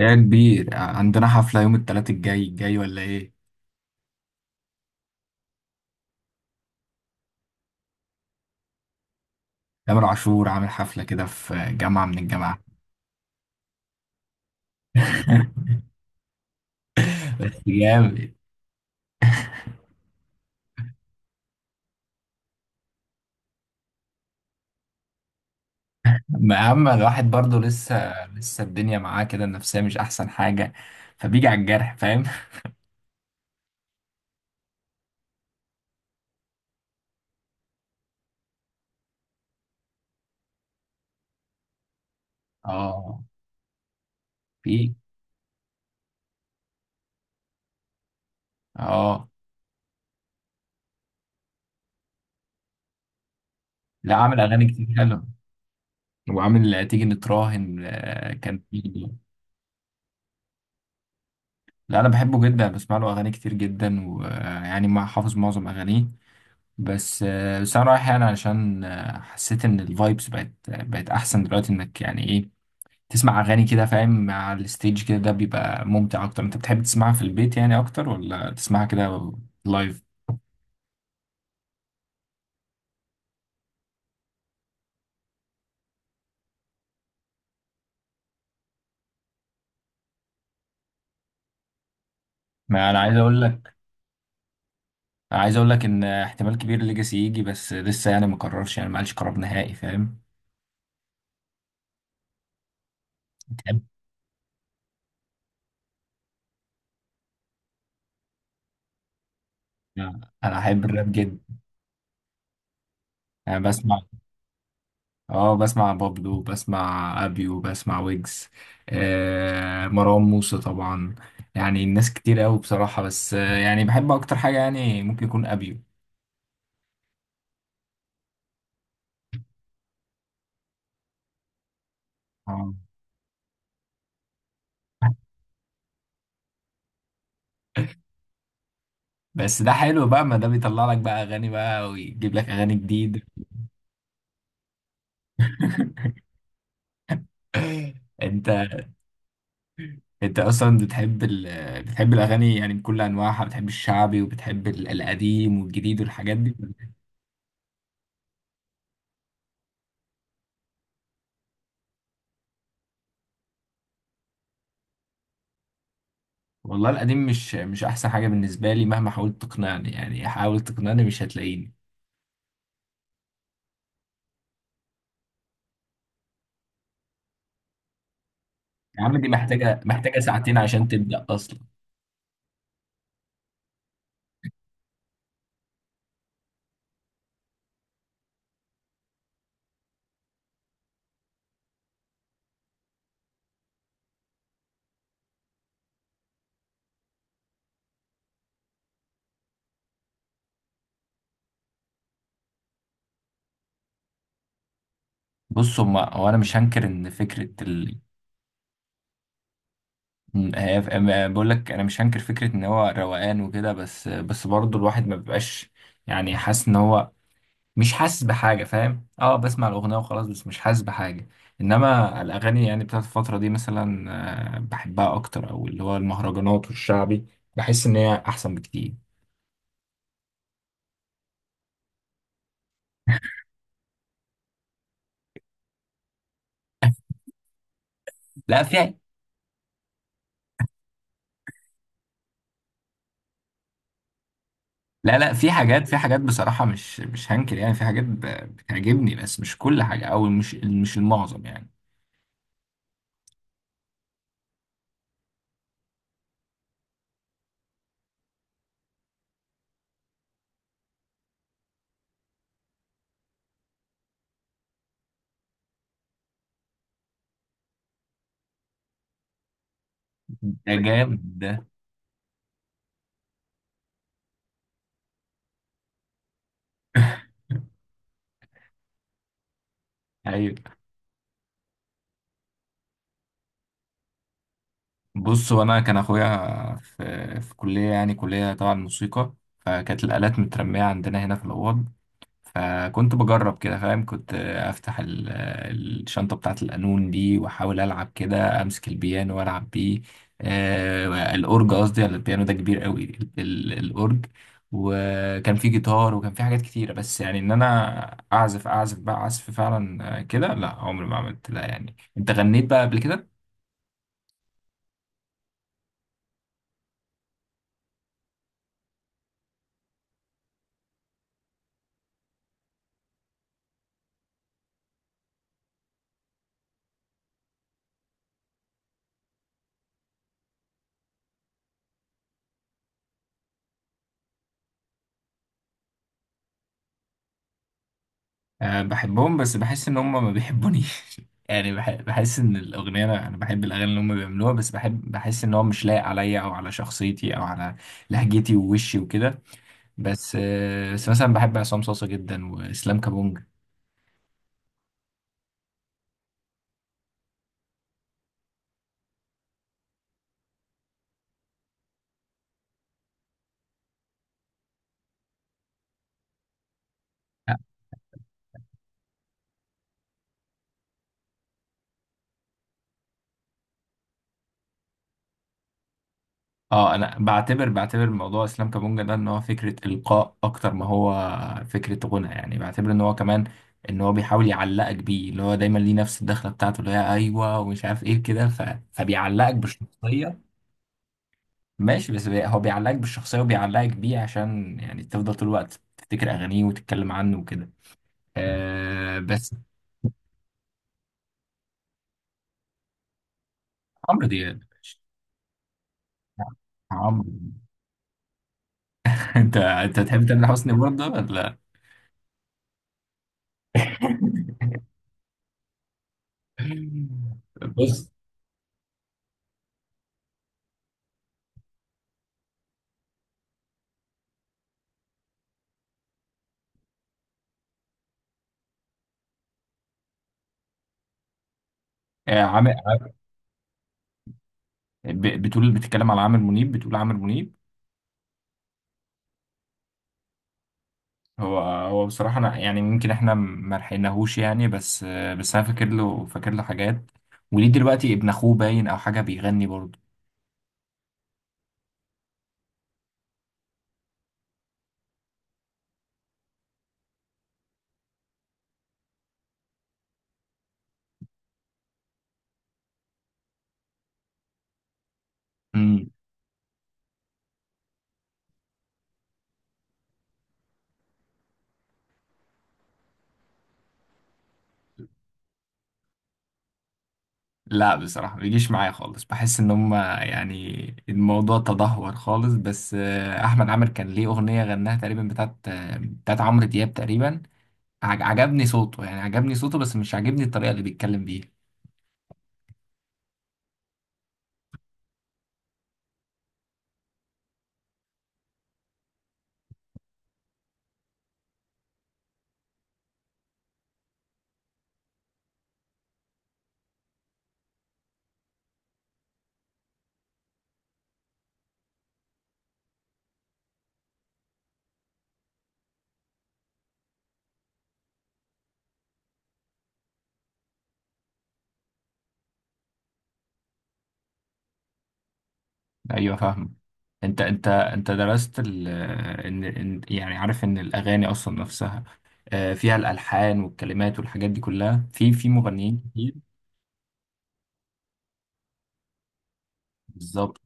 يا كبير، عندنا حفلة يوم التلات الجاي ولا ايه؟ تامر عاشور عامل حفلة كده في جامعة من الجامعات. بس جامد. ما أهم، الواحد برضه لسه الدنيا معاه كده، النفسية مش أحسن حاجة. فبيجي على الجرح، فاهم؟ اه. في. اه. لا، عامل أغاني كتير حلوة. وعامل تيجي نتراهن، كان في. لا، أنا بحبه جدا، بسمع له أغاني كتير جدا، ويعني ما حافظ معظم أغانيه. بس انا رايح يعني علشان حسيت ان الفايبس بقت احسن دلوقتي، انك يعني ايه، تسمع اغاني كده، فاهم، مع الستيج كده ده بيبقى ممتع اكتر. انت بتحب تسمعها في البيت يعني اكتر ولا تسمعها كده لايف؟ ما انا عايز اقول لك أنا عايز اقول لك ان احتمال كبير ليجاسي يجي، بس لسه يعني ما قررش، يعني ما قالش قرار نهائي، فاهم. تحب انا احب الراب جدا. انا بسمع بابلو، بسمع ابيو، بسمع ويجز، مروان موسى طبعا. يعني الناس كتير قوي بصراحة، بس يعني بحب اكتر حاجة يعني ممكن يكون ابيو. آه. بس ده حلو بقى، ما ده بيطلع لك بقى اغاني بقى، ويجيب لك اغاني جديدة. انت انت اصلا بتحب بتحب الاغاني يعني بكل انواعها، بتحب الشعبي وبتحب القديم والجديد والحاجات دي؟ والله القديم مش احسن حاجة بالنسبة لي، مهما حاولت تقنعني، يعني حاول تقنعني مش هتلاقيني. يا عم، دي محتاجة ساعتين عشان تبدأ أصلا. بص، هما هو أنا مش هنكر إن فكرة ال، إن هي أما بقول لك أنا مش هنكر فكرة إن هو روقان وكده، بس برضه الواحد ما بيبقاش يعني حاسس إن هو مش حاسس بحاجة، فاهم. بسمع الأغنية وخلاص، بس مش حاسس بحاجة. إنما الأغاني يعني بتاعت الفترة دي مثلا، بحبها أكتر، أو اللي هو المهرجانات والشعبي، بحس إن هي أحسن بكتير. لا، فيها. لا لا، في حاجات بصراحة، مش هنكر، يعني في حاجات بتعجبني، بس مش كل حاجة، أو مش المعظم يعني. ده جامد ده. أيوة. بص، وأنا كان أخويا في كلية، يعني كلية طبعا موسيقى. فكانت الآلات مترمية عندنا هنا في الأوض. فكنت بجرب كده، فاهم، كنت افتح الشنطة بتاعت القانون دي، واحاول العب كده، امسك البيانو والعب بيه. الاورج قصدي، ولا البيانو ده كبير قوي الاورج. وكان في جيتار، وكان في حاجات كتيرة، بس يعني ان انا اعزف بقى عزف فعلا، كده لا، عمري ما عملت، لا يعني انت غنيت بقى قبل كده. أه، بحبهم، بس بحس ان هم ما بيحبونيش. يعني بحس ان الاغنيه، أنا بحب الاغاني اللي هم بيعملوها، بس بحس ان هو مش لايق عليا او على شخصيتي او على لهجتي ووشي وكده. بس مثلا بحب عصام صاصا جدا واسلام كابونج. اه، انا بعتبر موضوع اسلام كابونجا ده ان هو فكره القاء اكتر ما هو فكره غنى، يعني بعتبر ان هو كمان ان هو بيحاول يعلقك بيه، اللي هو دايما ليه نفس الدخله بتاعته اللي هي ايوه ومش عارف ايه كده. فبيعلقك بشخصيه. ماشي، بس هو بيعلقك بالشخصية وبيعلقك بيه، عشان يعني تفضل طول الوقت تفتكر أغانيه وتتكلم عنه وكده. بس. عمرو دياب ماشي. عمرو أنت تحب تامر حسني برضه، ولا؟ بص. عامر. بتتكلم على عامر منيب، بتقول عامر منيب. هو بصراحة أنا يعني، يمكن إحنا ما لحقناهوش يعني، بس أنا فاكر له حاجات. وليه دلوقتي ابن أخوه باين، أو حاجة، بيغني برضه. لا، بصراحة ما بيجيش معايا خالص، بحس ان هما يعني الموضوع تدهور خالص، بس احمد عامر كان ليه اغنية غناها تقريبا بتاعت عمرو دياب تقريبا. عجبني صوته، يعني عجبني صوته، بس مش عجبني الطريقة اللي بيتكلم بيها. ايوه، فاهمة. انت درست ال آه، ان إن- يعني عارف ان الاغاني اصلا نفسها فيها الالحان والكلمات والحاجات دي كلها في مغنيين كتير. بالظبط.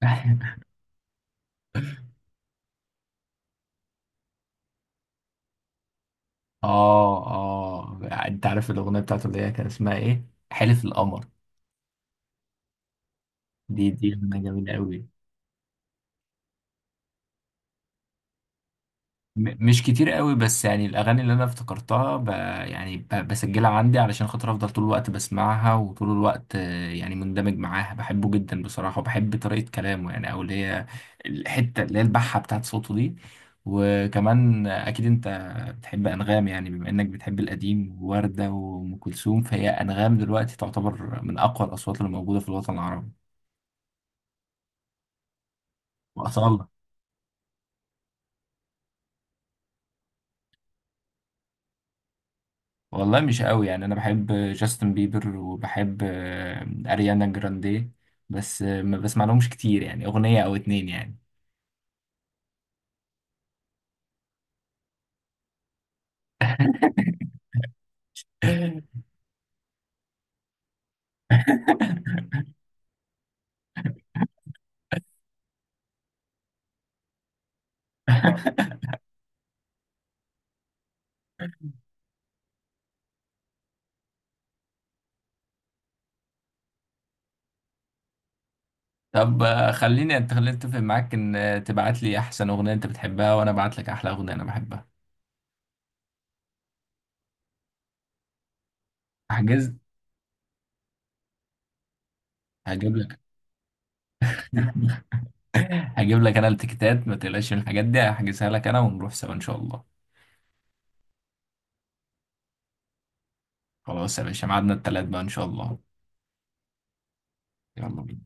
اه، اه، انت عارف الاغنيه بتاعته اللي هي كان اسمها ايه؟ حلف القمر. دي اغنيه جميله قوي. مش كتير قوي، بس يعني الاغاني اللي انا افتكرتها يعني بسجلها عندي علشان خاطر افضل طول الوقت بسمعها، وطول الوقت يعني مندمج معاها، بحبه جدا بصراحه، وبحب طريقه كلامه، يعني او اللي هي الحته اللي هي البحه بتاعت صوته دي. وكمان، اكيد انت بتحب انغام، يعني بما انك بتحب القديم ووردة وام كلثوم، فهي انغام دلوقتي تعتبر من اقوى الاصوات اللي موجوده في الوطن العربي. واصاله. والله مش قوي، يعني انا بحب جاستن بيبر، وبحب اريانا جراندي، بس ما بسمع لهمش كتير، يعني اغنية او اتنين يعني. طب خليني خليني اتفق معاك ان تبعت لي احسن اغنية انت بتحبها، وانا ابعت لك احلى اغنية انا بحبها. هحجز. هجيب لك. هجيب لك انا التيكيتات، ما تقلقش من الحاجات دي، هحجزها لك انا ونروح سوا ان شاء الله. خلاص يا باشا، ميعادنا التلات بقى ان شاء الله. يلا بينا.